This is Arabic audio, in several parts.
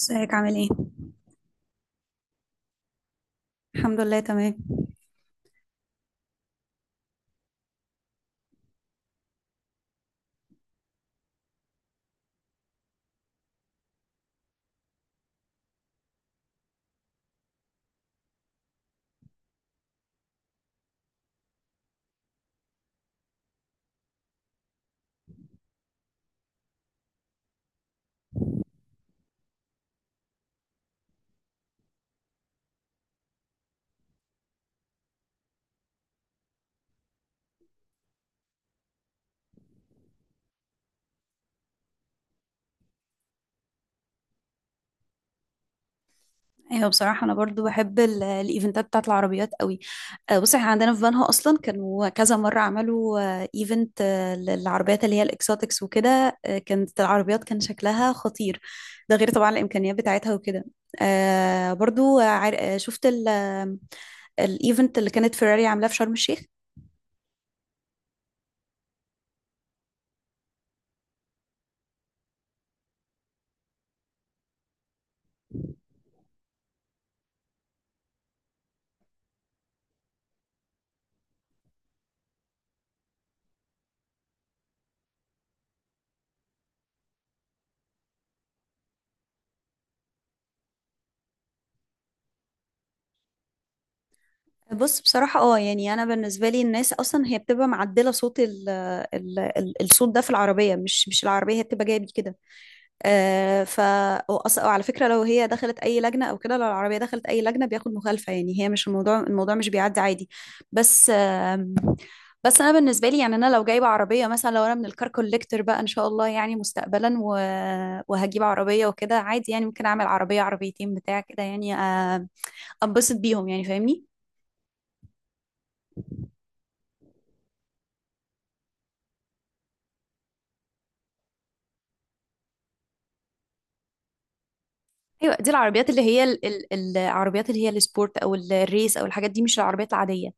ازيك عامل ايه؟ الحمد لله تمام. ايوه، بصراحه انا برضو بحب الايفنتات بتاعت العربيات قوي. بص احنا عندنا في بنها اصلا كانوا كذا مره عملوا ايفنت للعربيات اللي هي الاكسوتكس وكده. كانت العربيات كان شكلها خطير. ده غير طبعا الامكانيات بتاعتها وكده. برضو شفت الايفنت اللي كانت فيراري عاملاه في شرم الشيخ. بص، بصراحة اه يعني أنا بالنسبة لي الناس أصلا هي بتبقى معدلة صوت ال الصوت ده في العربية، مش العربية هي بتبقى جاية بيه كده. آه، ف وعلى فكره لو هي دخلت اي لجنه او كده، لو العربيه دخلت اي لجنه بياخد مخالفه. يعني هي مش الموضوع، الموضوع مش بيعدي عادي. بس آه، بس انا بالنسبه لي يعني انا لو جايبه عربيه مثلا، لو انا من الكار كوليكتور بقى ان شاء الله يعني مستقبلا وهجيب عربيه وكده عادي، يعني ممكن اعمل عربيه عربيتين بتاع كده يعني. انبسط بيهم يعني، فاهمني؟ ايوه دي العربيات اللي هي ال العربيات اللي هي السبورت او الريس او الحاجات دي، مش العربيات العاديه.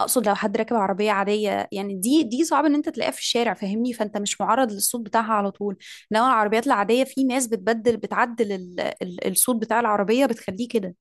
اقصد لو حد راكب عربيه عاديه، يعني دي صعب ان انت تلاقيها في الشارع، فاهمني؟ فانت مش معرض للصوت بتاعها على طول. انما العربيات العاديه في ناس بتبدل، بتعدل ال الصوت بتاع العربيه بتخليه كده.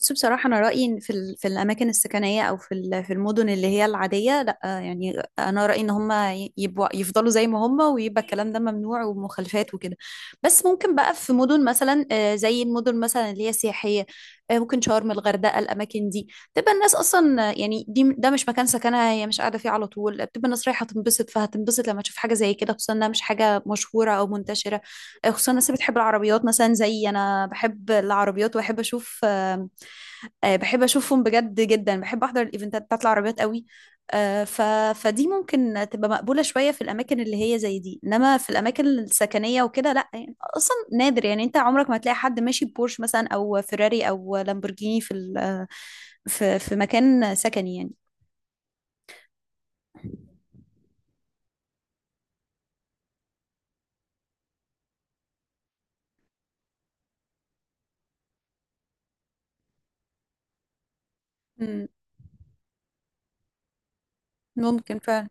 بس بصراحة أنا رأيي إن في في الأماكن السكنية، أو في في المدن اللي هي العادية، لأ يعني أنا رأيي إن هما يبقوا يفضلوا زي ما هما، ويبقى الكلام ده ممنوع ومخالفات وكده. بس ممكن بقى في مدن مثلا، زي المدن مثلا اللي هي سياحية، ممكن شرم، الغردقة، الأماكن دي، تبقى الناس أصلا، يعني ده مش مكان سكنها، هي مش قاعدة فيه على طول، بتبقى الناس رايحة تنبسط، فهتنبسط لما تشوف حاجة زي كده، خصوصا إنها مش حاجة مشهورة أو منتشرة. خصوصا الناس اللي بتحب العربيات، مثلا زي أنا بحب العربيات وأحب أشوف بحب اشوفهم بجد، جدا بحب احضر الايفنتات بتاعت العربيات قوي. آه، ف... فدي ممكن تبقى مقبولة شوية في الأماكن اللي هي زي دي، إنما في الأماكن السكنية وكده لأ، يعني أصلا نادر، يعني أنت عمرك ما هتلاقي حد ماشي ببورش مثلا أو فيراري أو لامبورجيني في في في مكان سكني يعني. مم، ممكن فعلا.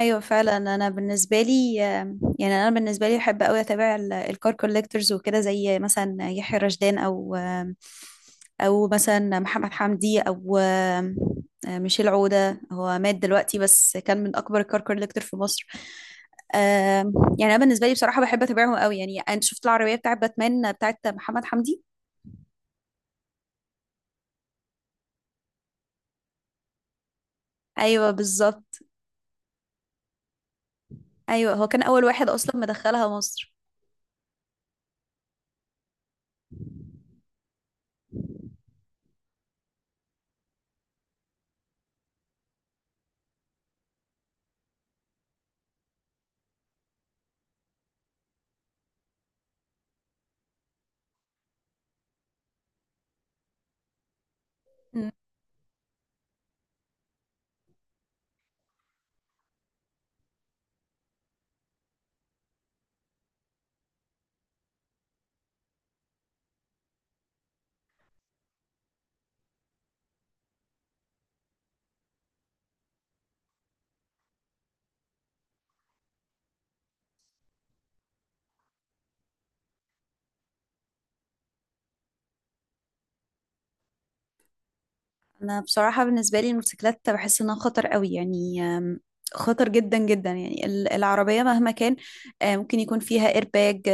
ايوه فعلا. انا بالنسبه لي يعني، انا بالنسبه لي بحب قوي اتابع الكار كوليكتورز وكده، زي مثلا يحيى رشدان، او او مثلا محمد حمدي، او ميشيل عوده. هو مات دلوقتي بس كان من اكبر الكار كوليكتور في مصر. آم، يعني انا بالنسبه لي بصراحه بحب اتابعهم قوي. يعني انت شفت العربيه بتاعت باتمان بتاعت محمد حمدي؟ ايوه بالظبط. ايوه هو كان اول واحد اصلا مدخلها مصر. انا بصراحه بالنسبه لي الموتوسيكلات بحس انها خطر قوي، يعني خطر جدا جدا. يعني العربيه مهما كان ممكن يكون فيها ايرباج،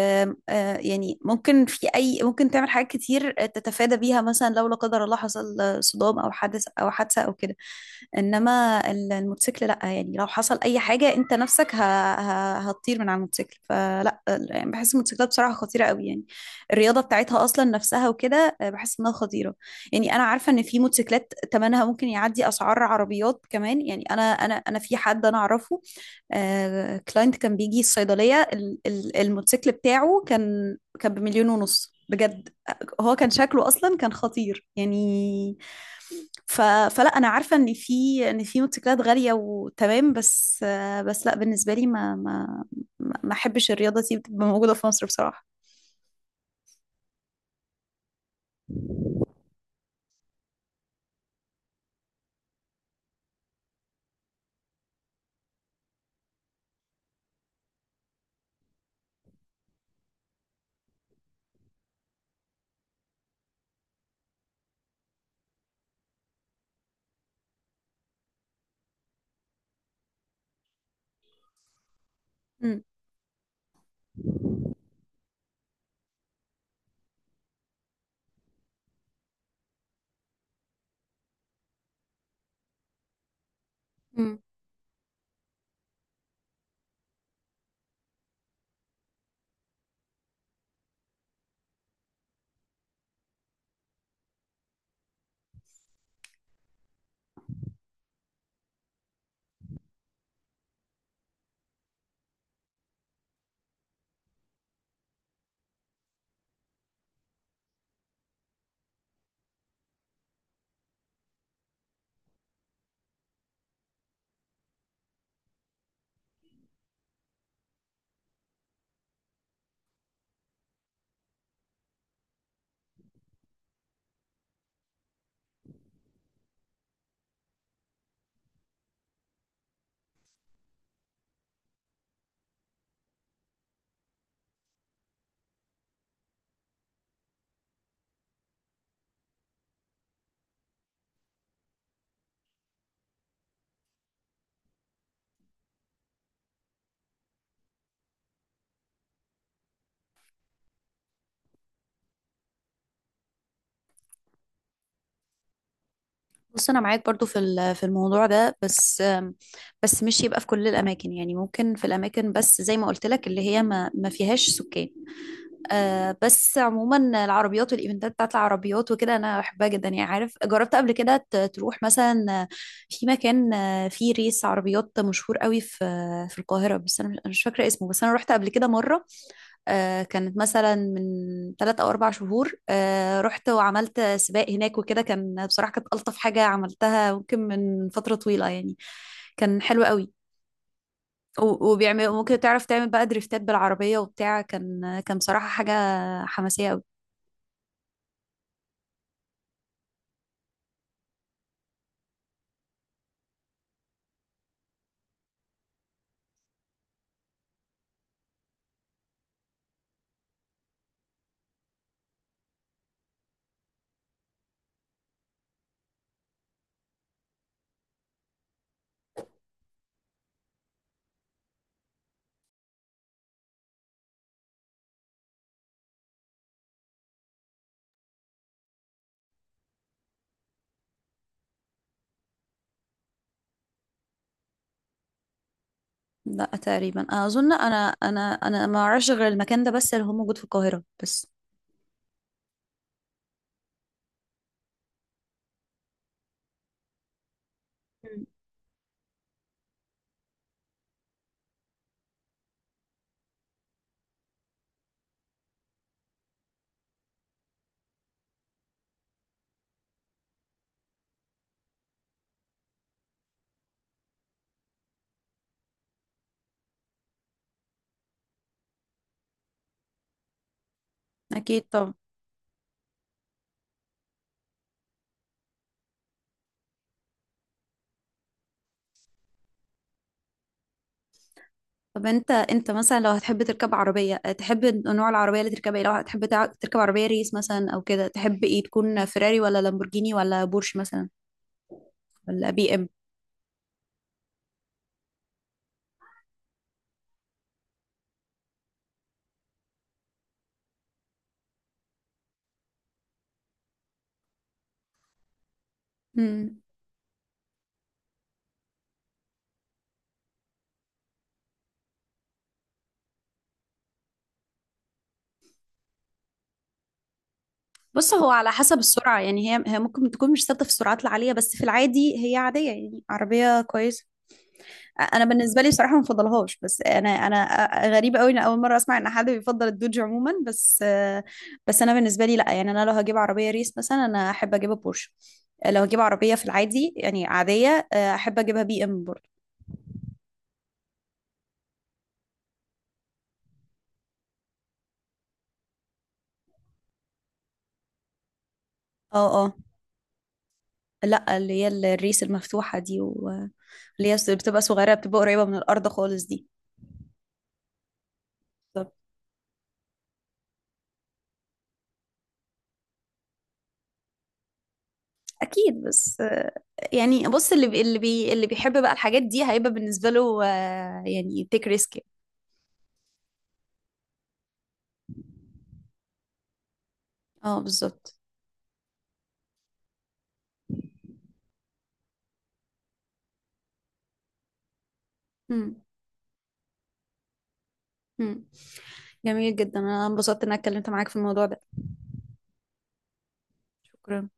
يعني ممكن في اي، ممكن تعمل حاجات كتير تتفادى بيها، مثلا لو لا قدر الله حصل صدام او حدث او حادثه او كده. انما الموتوسيكل لا، يعني لو حصل اي حاجه انت نفسك هتطير من على الموتوسيكل. فلا يعني بحس الموتوسيكلات بصراحه خطيره قوي يعني. الرياضه بتاعتها اصلا نفسها وكده بحس انها خطيره. يعني انا عارفه ان في موتوسيكلات ثمنها ممكن يعدي اسعار عربيات كمان. يعني انا في حد انا اعرفه، كلاينت، كان بيجي الصيدلية، الموتوسيكل بتاعه كان بمليون ونص بجد. هو كان شكله اصلا كان خطير يعني. ف... فلا انا عارفه ان في في موتوسيكلات غاليه وتمام بس. بس لا بالنسبه لي ما احبش الرياضه دي تبقى موجوده في مصر بصراحه. مم. مم. بص انا معاك برضو في في الموضوع ده، بس بس مش يبقى في كل الاماكن، يعني ممكن في الاماكن بس زي ما قلت لك اللي هي ما فيهاش سكان. آه، بس عموما العربيات والايفنتات بتاعت العربيات وكده انا بحبها جدا. يعني عارف، جربت قبل كده تروح مثلا في مكان فيه ريس عربيات مشهور قوي في في القاهرة، بس انا مش أنا مش فاكرة اسمه. بس انا رحت قبل كده مرة، آه، كانت مثلا من ثلاث او اربع شهور، آه رحت وعملت سباق هناك وكده، كان بصراحة كانت الطف حاجة عملتها ممكن من فترة طويلة يعني. كان حلو قوي. وبيعمل ممكن تعرف تعمل بقى دريفتات بالعربية وبتاع، كان كان بصراحة حاجة حماسية قوي. لا تقريبا، اظن انا. انا ما اعرفش غير المكان ده بس اللي هو موجود في القاهره بس. مم. اكيد طبعا. طب انت مثلا لو هتحب تركب عربيه، تحب نوع العربيه اللي تركبها ايه؟ لو هتحب تركب عربيه ريس مثلا او كده، تحب ايه؟ تكون فيراري ولا لامبورجيني ولا بورش مثلا ولا بي ام؟ مم. بص هو على حسب السرعه، يعني هي ممكن تكون مش ثابته في السرعات العاليه، بس في العادي هي عاديه، يعني عربيه كويسه. انا بالنسبه لي صراحه ما بفضلهاش. بس انا غريبه قوي ان اول مره اسمع ان حد بيفضل الدوج عموما. بس بس انا بالنسبه لي لا، يعني انا لو هجيب عربيه ريس مثلا انا احب اجيبها بورش. لو هجيب عربيه في العادي يعني عاديه احب اجيبها بي ام برضه. اه لا اللي هي الريس المفتوحه دي، واللي هي بتبقى صغيره، بتبقى قريبه من الارض خالص دي. بالظبط. اكيد، بس يعني بص، اللي بيحب بقى الحاجات دي هيبقى بالنسبه له يعني تيك ريسك. اه بالظبط. مم. مم. جميل جدا، انا انبسطت ان انا اتكلمت معاك في الموضوع ده. شكرا.